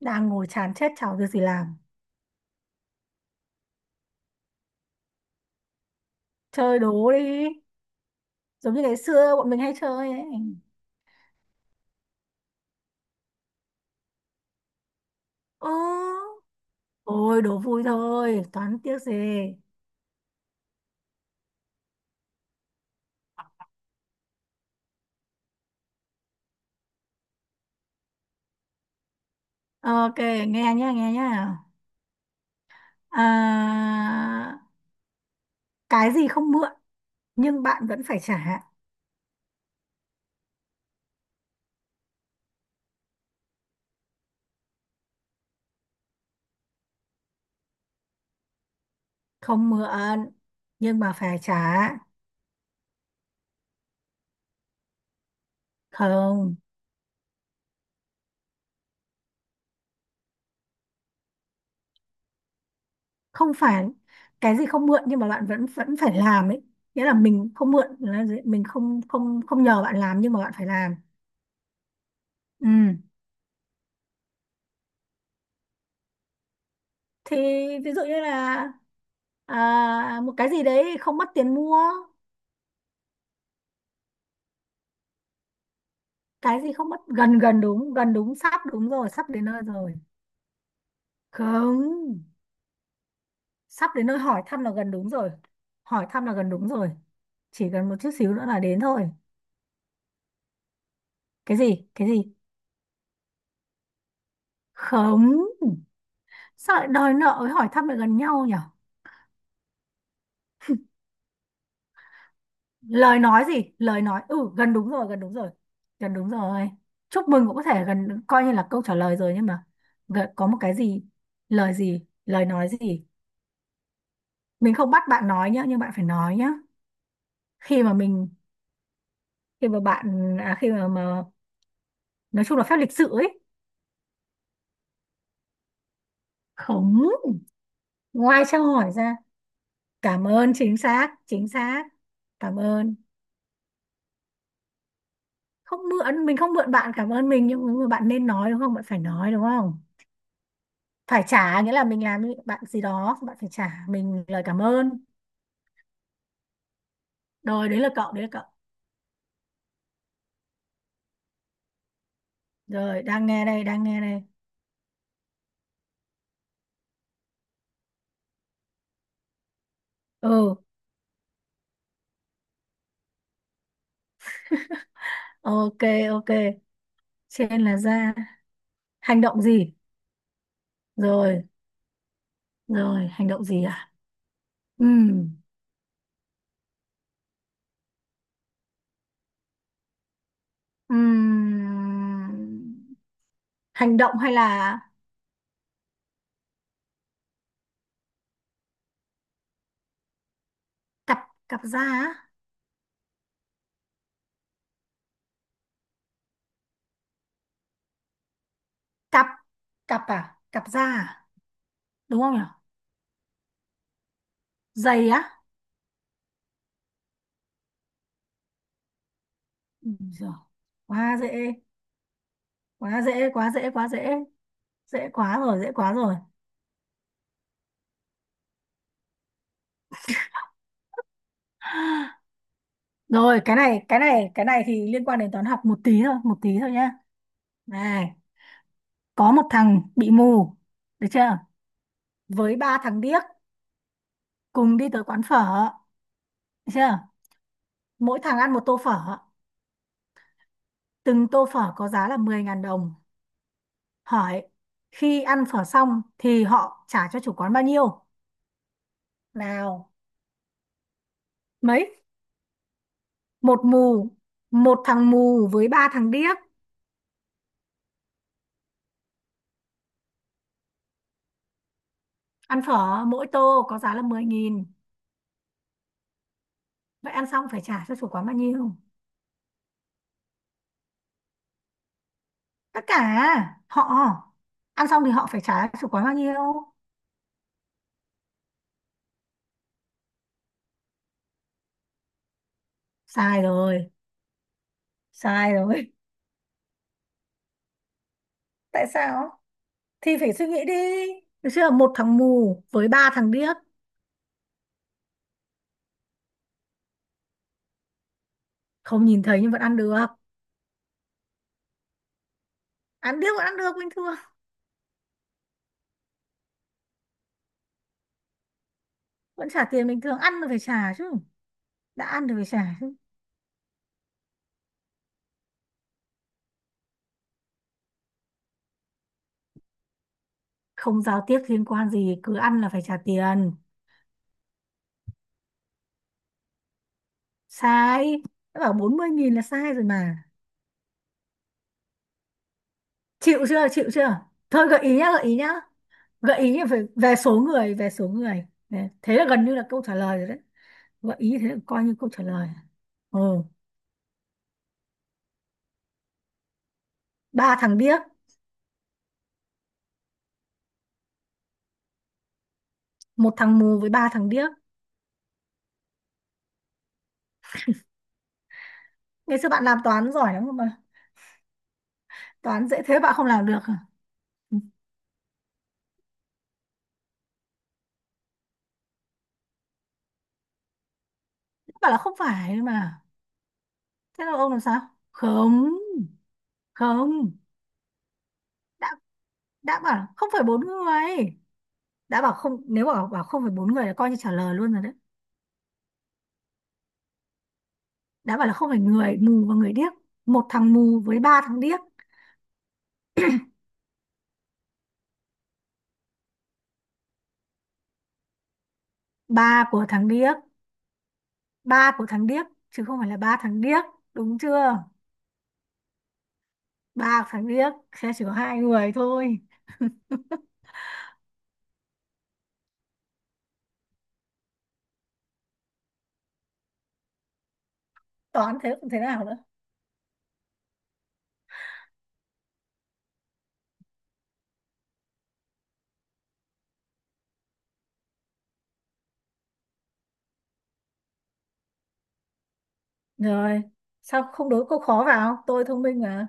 Đang ngồi chán chết, chả có việc gì làm. Chơi đố đi, giống như ngày xưa bọn mình hay chơi ấy. Ồ, ôi đố vui thôi, toán tiếc gì. Ờ, ok, nghe nhá, nghe nhá. à, cái gì không mượn nhưng bạn vẫn phải trả? Không mượn nhưng mà phải trả. Không. Không phải. Cái gì không mượn nhưng mà bạn vẫn vẫn phải làm ấy. Nghĩa là mình không mượn là gì? Mình không không không nhờ bạn làm nhưng mà bạn phải làm. Ừ. Thì ví dụ như là, một cái gì đấy không mất tiền mua. Cái gì không mất, gần gần đúng, gần đúng, sắp đúng rồi, sắp đến nơi rồi. Không. Sắp đến nơi, hỏi thăm là gần đúng rồi. Hỏi thăm là gần đúng rồi. Chỉ cần một chút xíu nữa là đến thôi. Cái gì, cái gì? Không. Sao lại đòi nợ với hỏi thăm lại gần nhau nhỉ? Lời nói gì, lời nói, ừ, gần đúng rồi, gần đúng rồi. Gần đúng rồi. Chúc mừng cũng có thể gần coi như là câu trả lời rồi nhưng mà gần, có một cái gì. Lời gì, lời nói gì. Mình không bắt bạn nói nhá nhưng bạn phải nói nhá. Khi mà mình, khi mà bạn, khi mà nói chung là phép lịch sự ấy. Không. Ngoài trao hỏi ra. Cảm ơn, chính xác, chính xác. Cảm ơn. Không mượn, mình không mượn bạn cảm ơn mình, nhưng mà bạn nên nói, đúng không? Bạn phải nói, đúng không? Phải trả nghĩa là mình làm với bạn gì đó, bạn phải trả mình lời cảm ơn. Rồi, đấy là cậu, đấy là cậu. Rồi, đang nghe đây, đang nghe đây. Ừ. Ok, ok. Trên là ra, hành động gì? Rồi, rồi, hành động gì à? Ừm. Ừm. Hành động hay là cặp, cặp da á. Cặp cặp à? Cặp da à? Đúng không nhỉ? Giày á. Giời, quá dễ, quá dễ, quá dễ. Quá dễ, dễ quá rồi, dễ quá rồi. Rồi, cái này, cái này, cái này thì liên quan đến toán học một tí thôi nhá. Này, có một thằng bị mù, được chưa? Với ba thằng điếc cùng đi tới quán phở, được chưa? Mỗi thằng ăn một tô phở, từng tô phở có giá là 10.000 đồng. Hỏi khi ăn phở xong thì họ trả cho chủ quán bao nhiêu? Nào, mấy? Một mù, một thằng mù với ba thằng điếc. Ăn phở mỗi tô có giá là 10.000. Vậy ăn xong phải trả cho chủ quán bao nhiêu? Tất cả. Họ ăn xong thì họ phải trả chủ quán bao nhiêu? Sai rồi. Sai rồi. Tại sao? Thì phải suy nghĩ đi. Được chưa? Một thằng mù với ba thằng điếc. Không nhìn thấy nhưng vẫn ăn được. Ăn, điếc vẫn ăn được bình thường. Vẫn trả tiền bình thường, ăn là phải trả chứ. Đã ăn thì phải trả chứ. Không giao tiếp liên quan gì, cứ ăn là phải trả tiền. Sai. Đã bảo 40.000 là sai rồi mà. Chịu chưa, chịu chưa? Thôi gợi ý nhá, gợi ý nhá. Gợi ý về, về số người, về số người. Nè, thế là gần như là câu trả lời rồi đấy. Gợi ý thế là coi như câu trả lời. Ừ. Ba thằng điếc. Một thằng mù với ba thằng điếc. Ngày xưa bạn làm toán giỏi lắm cơ mà. Toán dễ thế bạn không làm được à? Ừ. Bảo là không phải mà. Thế là ông làm sao? Không. Không. Đã đã bảo là không phải bốn người. Đã bảo không, nếu bảo bảo không phải bốn người là coi như trả lời luôn rồi đấy. Đã bảo là không phải người mù và người điếc. Một thằng mù với ba thằng điếc. Ba của thằng điếc. Ba của thằng điếc chứ không phải là ba thằng điếc. Đúng chưa? Ba của thằng điếc sẽ chỉ có hai người thôi. Toán thế cũng thế nào nữa. Rồi, sao không đố câu khó vào, tôi thông minh mà.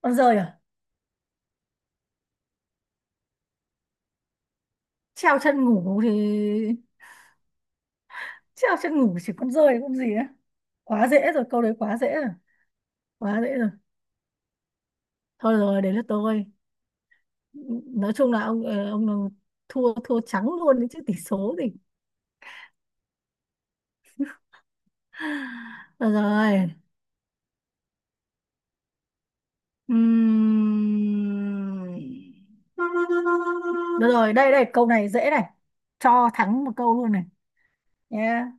Con dơi à? Treo chân ngủ thì, treo chân ngủ chỉ con dơi cũng gì á. Quá dễ rồi, câu đấy quá dễ rồi. Quá dễ rồi. Thôi rồi, đấy là tôi. Nói chung là ông, ông thua, thua trắng luôn đấy chứ tỷ số thì. Rồi, rồi. Ừm. Được rồi, đây đây, câu này dễ này. Cho thắng một câu luôn này. Nhá.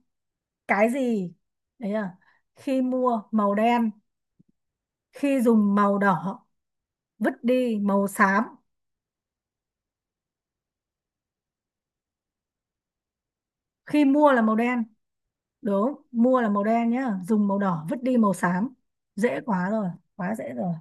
Cái gì? Đấy à. Khi mua màu đen, khi dùng màu đỏ, vứt đi màu xám. Khi mua là màu đen, đúng, mua là màu đen nhá, dùng màu đỏ, vứt đi màu xám. Dễ quá rồi, quá dễ rồi.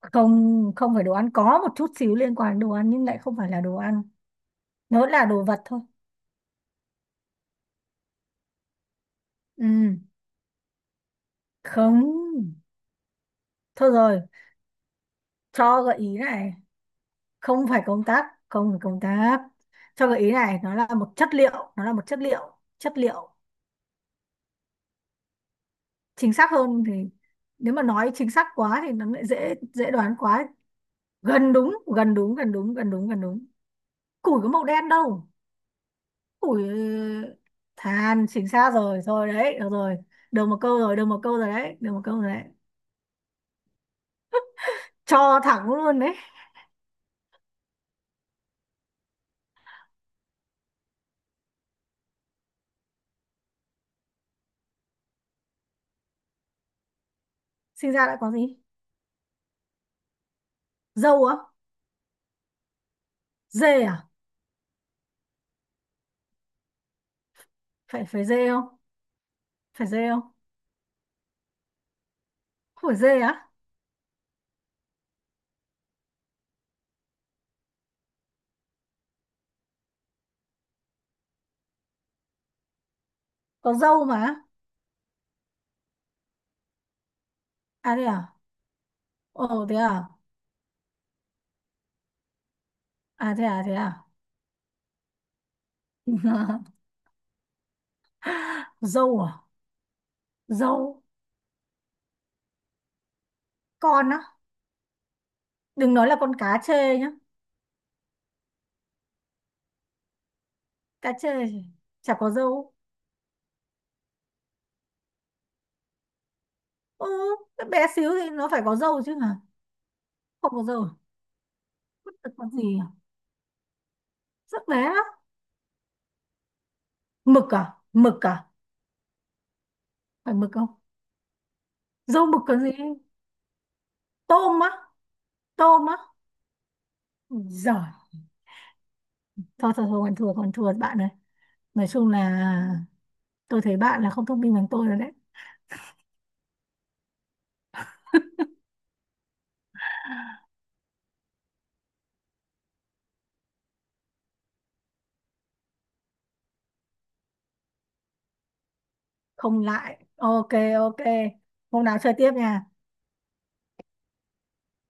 Không, không phải đồ ăn, có một chút xíu liên quan đến đồ ăn nhưng lại không phải là đồ ăn. Nó là đồ vật thôi. Ừ, không. Thôi rồi, cho gợi ý này. Không phải công tắc, không phải công tắc. Cho gợi ý này, nó là một chất liệu, nó là một chất liệu, chất liệu. Chính xác hơn thì, nếu mà nói chính xác quá thì nó lại dễ, dễ đoán quá. Gần đúng, gần đúng, gần đúng, gần đúng, gần đúng. Củi có màu đen đâu. Củi, ừ. Than chính xác rồi, rồi đấy, được rồi. Được một câu rồi, được một câu rồi đấy, được một câu rồi đấy. Cho thẳng luôn đấy. Sinh ra đã có gì? Dâu á? Dê à? Phải phải dê không? Phải dê không? Không phải dê á? Có dâu mà. À đây à? Ồ thế à? À thế à, thế à? Dâu à? Dâu. Con á? Đừng nói là con cá chê nhá. Cá chê thì chả có dâu. Ừ, cái bé xíu thì nó phải có dâu chứ hả? Không có dâu à? Bất được. Con gì à? Rất bé á. Mực à? Mực à? Phải mực không? Dâu mực còn gì? Tôm á? Tôm á? Ui giời. Thôi thôi thôi, còn thua, còn thua bạn ơi. Nói chung là tôi thấy bạn là không thông minh bằng tôi rồi đấy. Không lại. Ok, ok. Hôm nào chơi tiếp nha.